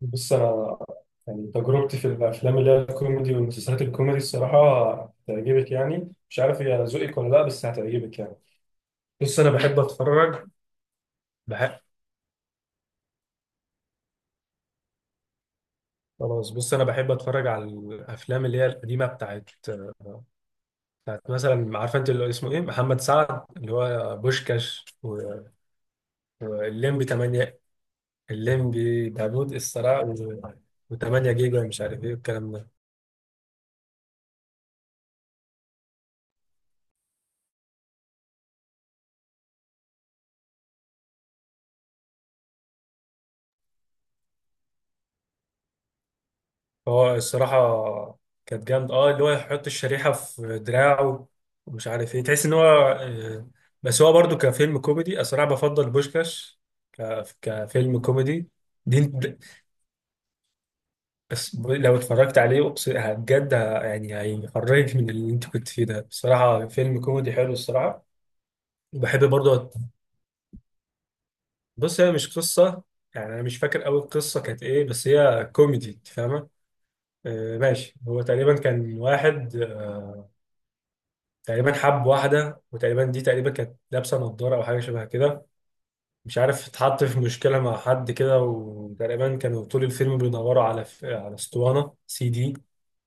بص انا، تجربتي في الافلام اللي هي الكوميدي والمسلسلات الكوميدي الصراحه هتعجبك، مش عارف هي ذوقك ولا لا، بس هتعجبك يعني. بص انا بحب اتفرج. بحب. خلاص، بص انا بحب اتفرج على الافلام اللي هي القديمه بتاعت، مثلا عارفه انت اللي اسمه ايه، محمد سعد، اللي هو بوشكاش والليمبي 8، الليمبي داوود الصراع، و8 جيجا ومش عارف ايه والكلام ده. هو الصراحة كانت جامدة، اه، اللي هو يحط الشريحة في دراعه ومش عارف ايه، تحس ان هو بس هو برضو كفيلم كوميدي الصراحة بفضل بوشكاش كفيلم كوميدي. دي انت- بس لو اتفرجت عليه بجد ه- يعني هيخرجك من اللي انت كنت فيه ده، بصراحة فيلم كوميدي حلو الصراحة. وبحب برضو أت- بص هي مش قصة، يعني انا مش فاكر قوي القصة كانت ايه، بس هي كوميدي، انت فاهمة. آه ماشي. هو تقريبا كان واحد، تقريبا حب واحدة، وتقريبا دي تقريبا كانت لابسة نضارة أو حاجة شبه كده، مش عارف، اتحط في مشكلة مع حد كده، وتقريبا كانوا طول الفيلم بيدوروا على على اسطوانة سي دي.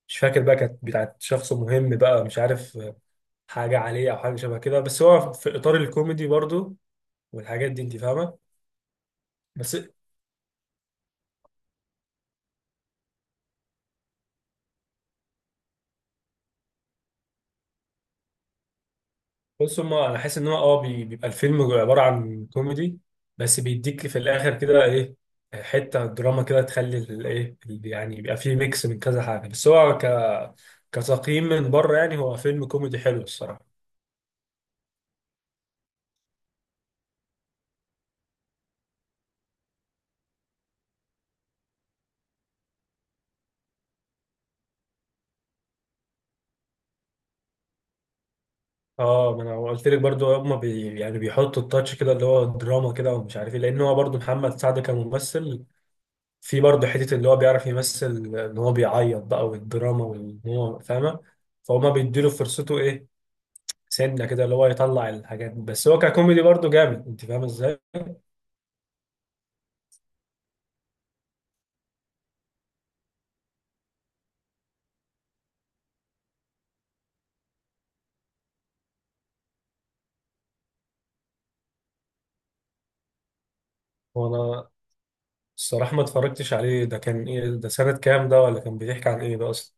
مش فاكر بقى كانت بتاعت شخص مهم بقى، مش عارف، حاجة عليه أو حاجة شبه كده، بس هو في إطار الكوميدي برضو والحاجات دي، أنت فاهمة. بس. بص هما أنا حاسس إن هو أه بيبقى الفيلم عبارة عن كوميدي، بس بيديك في الآخر كده إيه، حته دراما كده تخلي الايه، يعني يبقى فيه ميكس من كذا حاجه، بس هو كتقييم من بره يعني هو فيلم كوميدي حلو الصراحه. اه ما انا قلت لك برضو، هما بي يعني بيحطوا التاتش كده اللي هو دراما كده ومش عارف ايه، لان هو برضو محمد سعد كممثل في برضو حته اللي هو بيعرف يمثل، ان هو بيعيط بقى والدراما وان هو فاهمه، فهما بيديله فرصته ايه، سنه كده اللي هو يطلع الحاجات دي. بس هو ككوميدي برضو جامد، انت فاهم ازاي. هو انا الصراحه ما اتفرجتش عليه، ده كان ايه؟ ده سنه كام ده؟ ولا كان بيحكي عن ايه ده اصلا؟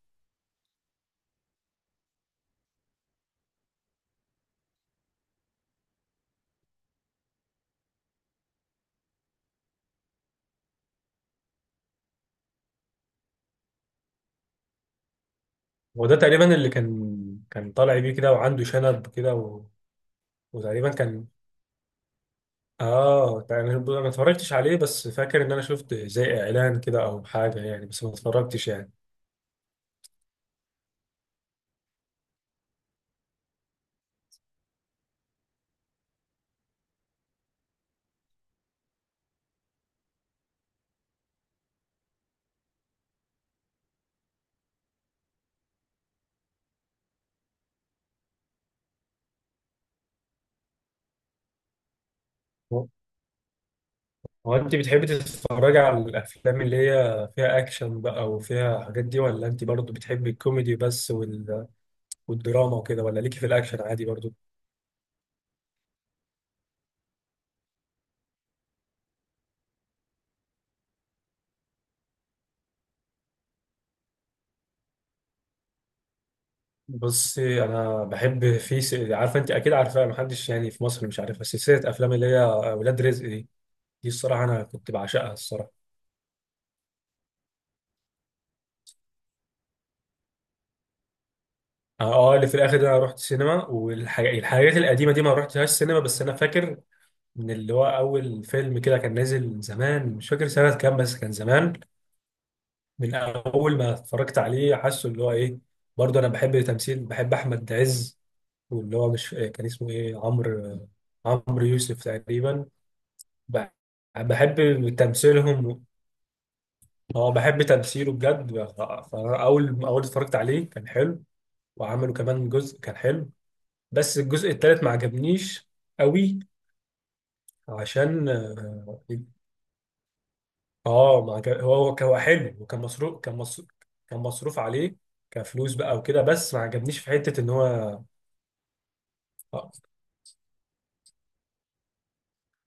هو ده تقريبا اللي كان طالع بيه كده، وعنده شنب كده وتقريبا كان، اه، يعني انا ما اتفرجتش عليه، بس فاكر ان انا شفت زي اعلان كده او حاجه، يعني بس ما اتفرجتش يعني. هو هو انت بتحبي تتفرجي على الافلام اللي هي فيها اكشن بقى وفيها حاجات دي، ولا انت برضو بتحبي الكوميدي بس والدراما وكده، ولا ليكي في الاكشن عادي برضو؟ بصي، انا بحب في عارفه انت اكيد عارفاها، محدش يعني في مصر مش عارفها، سلسله افلام اللي هي ولاد رزق دي. دي الصراحه انا كنت بعشقها الصراحه. اه اللي في الاخر ده انا رحت سينما، والحاجات القديمه دي ما رحتهاش سينما، بس انا فاكر من اللي هو اول فيلم كده كان نازل من زمان، مش فاكر سنه كام بس كان زمان. من اول ما اتفرجت عليه حاسه اللي هو ايه، برضه انا بحب تمثيل، بحب احمد عز واللي هو مش كان اسمه ايه، عمرو، عمرو يوسف تقريبا. بح- بحب تمثيلهم. اه بحب تمثيله بجد. فاول ما اتفرجت عليه كان حلو، وعملوا كمان جزء كان حلو، بس الجزء الثالث ما عجبنيش قوي. عشان اه، ما عجب... هو كان هو حلو، وكان مصروف، كان مصروف، كان مصروف عليه كفلوس بقى وكده، بس ما عجبنيش في حتة ان هو آه،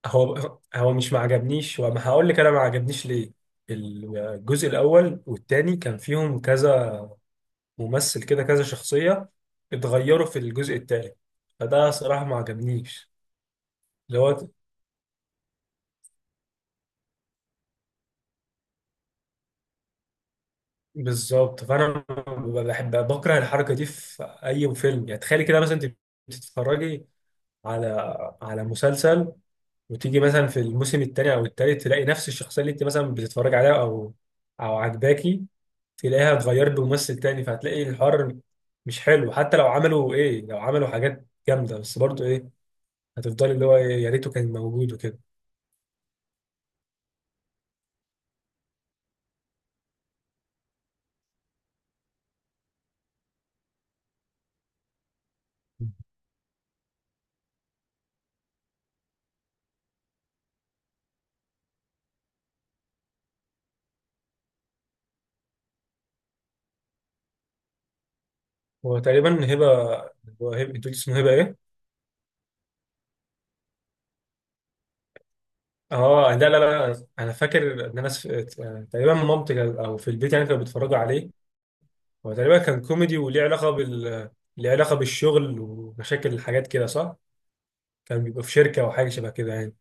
هو مش ما عجبنيش، وما هقول لك انا ما عجبنيش ليه. الجزء الاول والتاني كان فيهم كذا ممثل كده، كذا شخصية، اتغيروا في الجزء التالت، فده صراحة ما عجبنيش. اللي هو بالظبط، فانا ببقى بحب بكره الحركه دي في اي فيلم. يعني تخيلي كده مثلا، انت بتتفرجي على على مسلسل، وتيجي مثلا في الموسم الثاني او الثالث تلاقي نفس الشخصيه اللي انت مثلا بتتفرجي عليها او عجباكي، تلاقيها اتغيرت بممثل تاني، فهتلاقي الحوار مش حلو. حتى لو عملوا ايه، لو عملوا حاجات جامده بس برضو ايه، هتفضلي اللي هو يا ريته كان موجود وكده. هو تقريبا هبه. هبه انت قلت اسمه هبه ايه؟ اه ده، لا لا لا، انا فاكر ان تقريبا او في البيت يعني كانوا بيتفرجوا عليه. هو تقريبا كان كوميدي، وليه علاقه بال، ليه علاقه بالشغل ومشاكل، الحاجات كده صح؟ كان بيبقى في شركه او حاجه شبه كده يعني.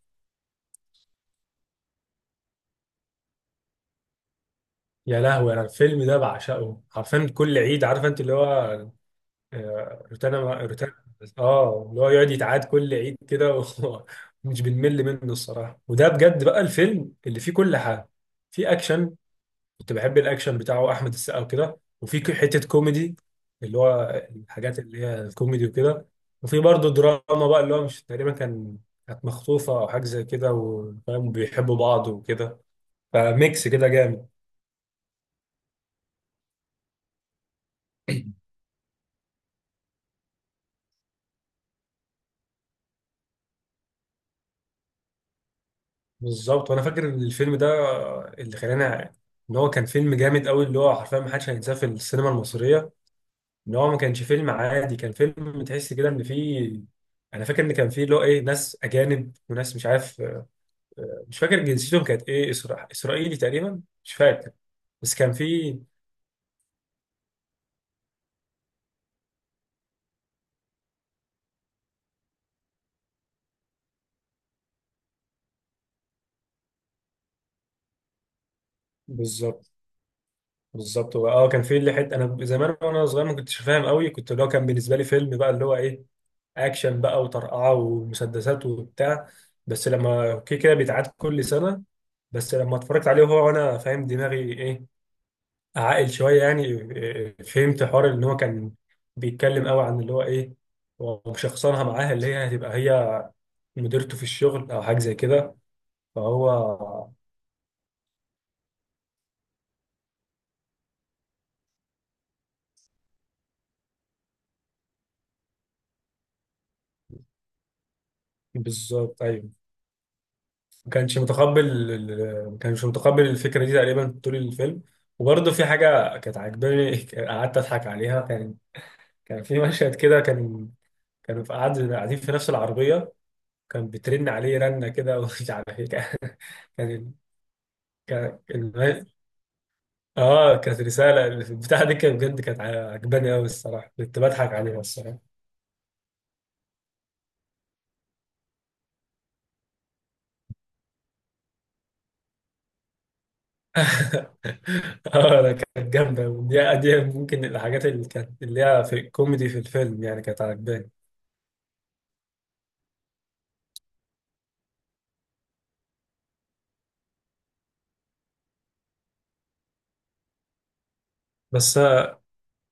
يا لهوي انا الفيلم ده بعشقه حرفيا كل عيد، عارف انت اللي هو، روتانا. اه اللي هو يقعد يتعاد كل عيد كده ومش بنمل منه الصراحه. وده بجد بقى الفيلم اللي فيه كل حاجه. في اكشن، كنت بحب الاكشن بتاعه احمد السقا وكده، وفي حته كوميدي اللي هو الحاجات اللي هي الكوميدي وكده، وفي برضه دراما بقى اللي هو مش، تقريبا كان، كانت مخطوفه او حاجه زي كده، وفاهم بيحبوا بعض وكده، فميكس كده جامد. بالظبط. وانا فاكر ان الفيلم ده اللي خلاني ان هو كان فيلم جامد قوي، اللي هو حرفيا ما حدش هينساه في السينما المصريه. ان هو ما كانش فيلم عادي، كان فيلم تحس كده ان فيه، انا فاكر ان كان فيه اللي هو ايه، ناس اجانب وناس مش عارف، مش فاكر جنسيتهم كانت ايه، اسرائيلي تقريبا مش فاكر. بس كان في، بالظبط بالظبط. هو اه كان في اللي حته انا زمان وانا صغير ما كنتش فاهم قوي، كنت اللي هو كان بالنسبه لي فيلم بقى اللي هو ايه، اكشن بقى وطرقعه ومسدسات وبتاع، بس لما اوكي كده بيتعاد كل سنه. بس لما اتفرجت عليه وهو وانا فاهم دماغي ايه، عاقل شويه يعني إيه، إيه، فهمت حوار ان هو كان بيتكلم قوي عن اللي هو ايه، ومشخصنها معاها اللي هي هتبقى هي مديرته في الشغل او حاجه زي كده. فهو، بالظبط ايوه، ما كانش متقبل، ما كانش متقبل الفكره دي تقريبا طول الفيلم. وبرضه في حاجه كانت عاجباني قعدت اضحك عليها، كان كان في مشهد كده، كان كانوا في قاعدين في نفس العربيه، كان بترن عليه رنه كده ومش عارف ايه كان، كان، كان- الم- اه كانت رساله البتاعه دي، كانت بجد كانت عاجباني قوي الصراحه، كنت بضحك عليها الصراحه. اه لا كانت جامدة. ودي دي ممكن الحاجات اللي كانت اللي هي في الكوميدي في الفيلم يعني كانت عجباني. بس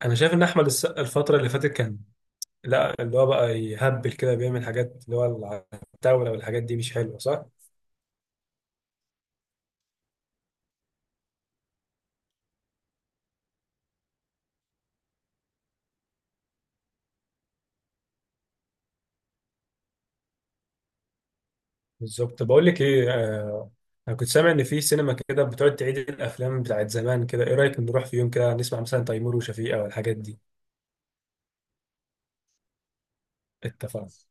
انا شايف ان احمد السقا الفترة اللي فاتت كان لا اللي هو بقى يهبل كده، بيعمل حاجات اللي هو العتاولة والحاجات دي مش حلوة صح؟ بالظبط. بقول لك ايه، انا كنت سامع ان في سينما كده بتقعد تعيد الافلام بتاعت زمان كده، ايه رأيك نروح في يوم كده نسمع مثلا تيمور وشفيقة والحاجات دي؟ اتفقنا.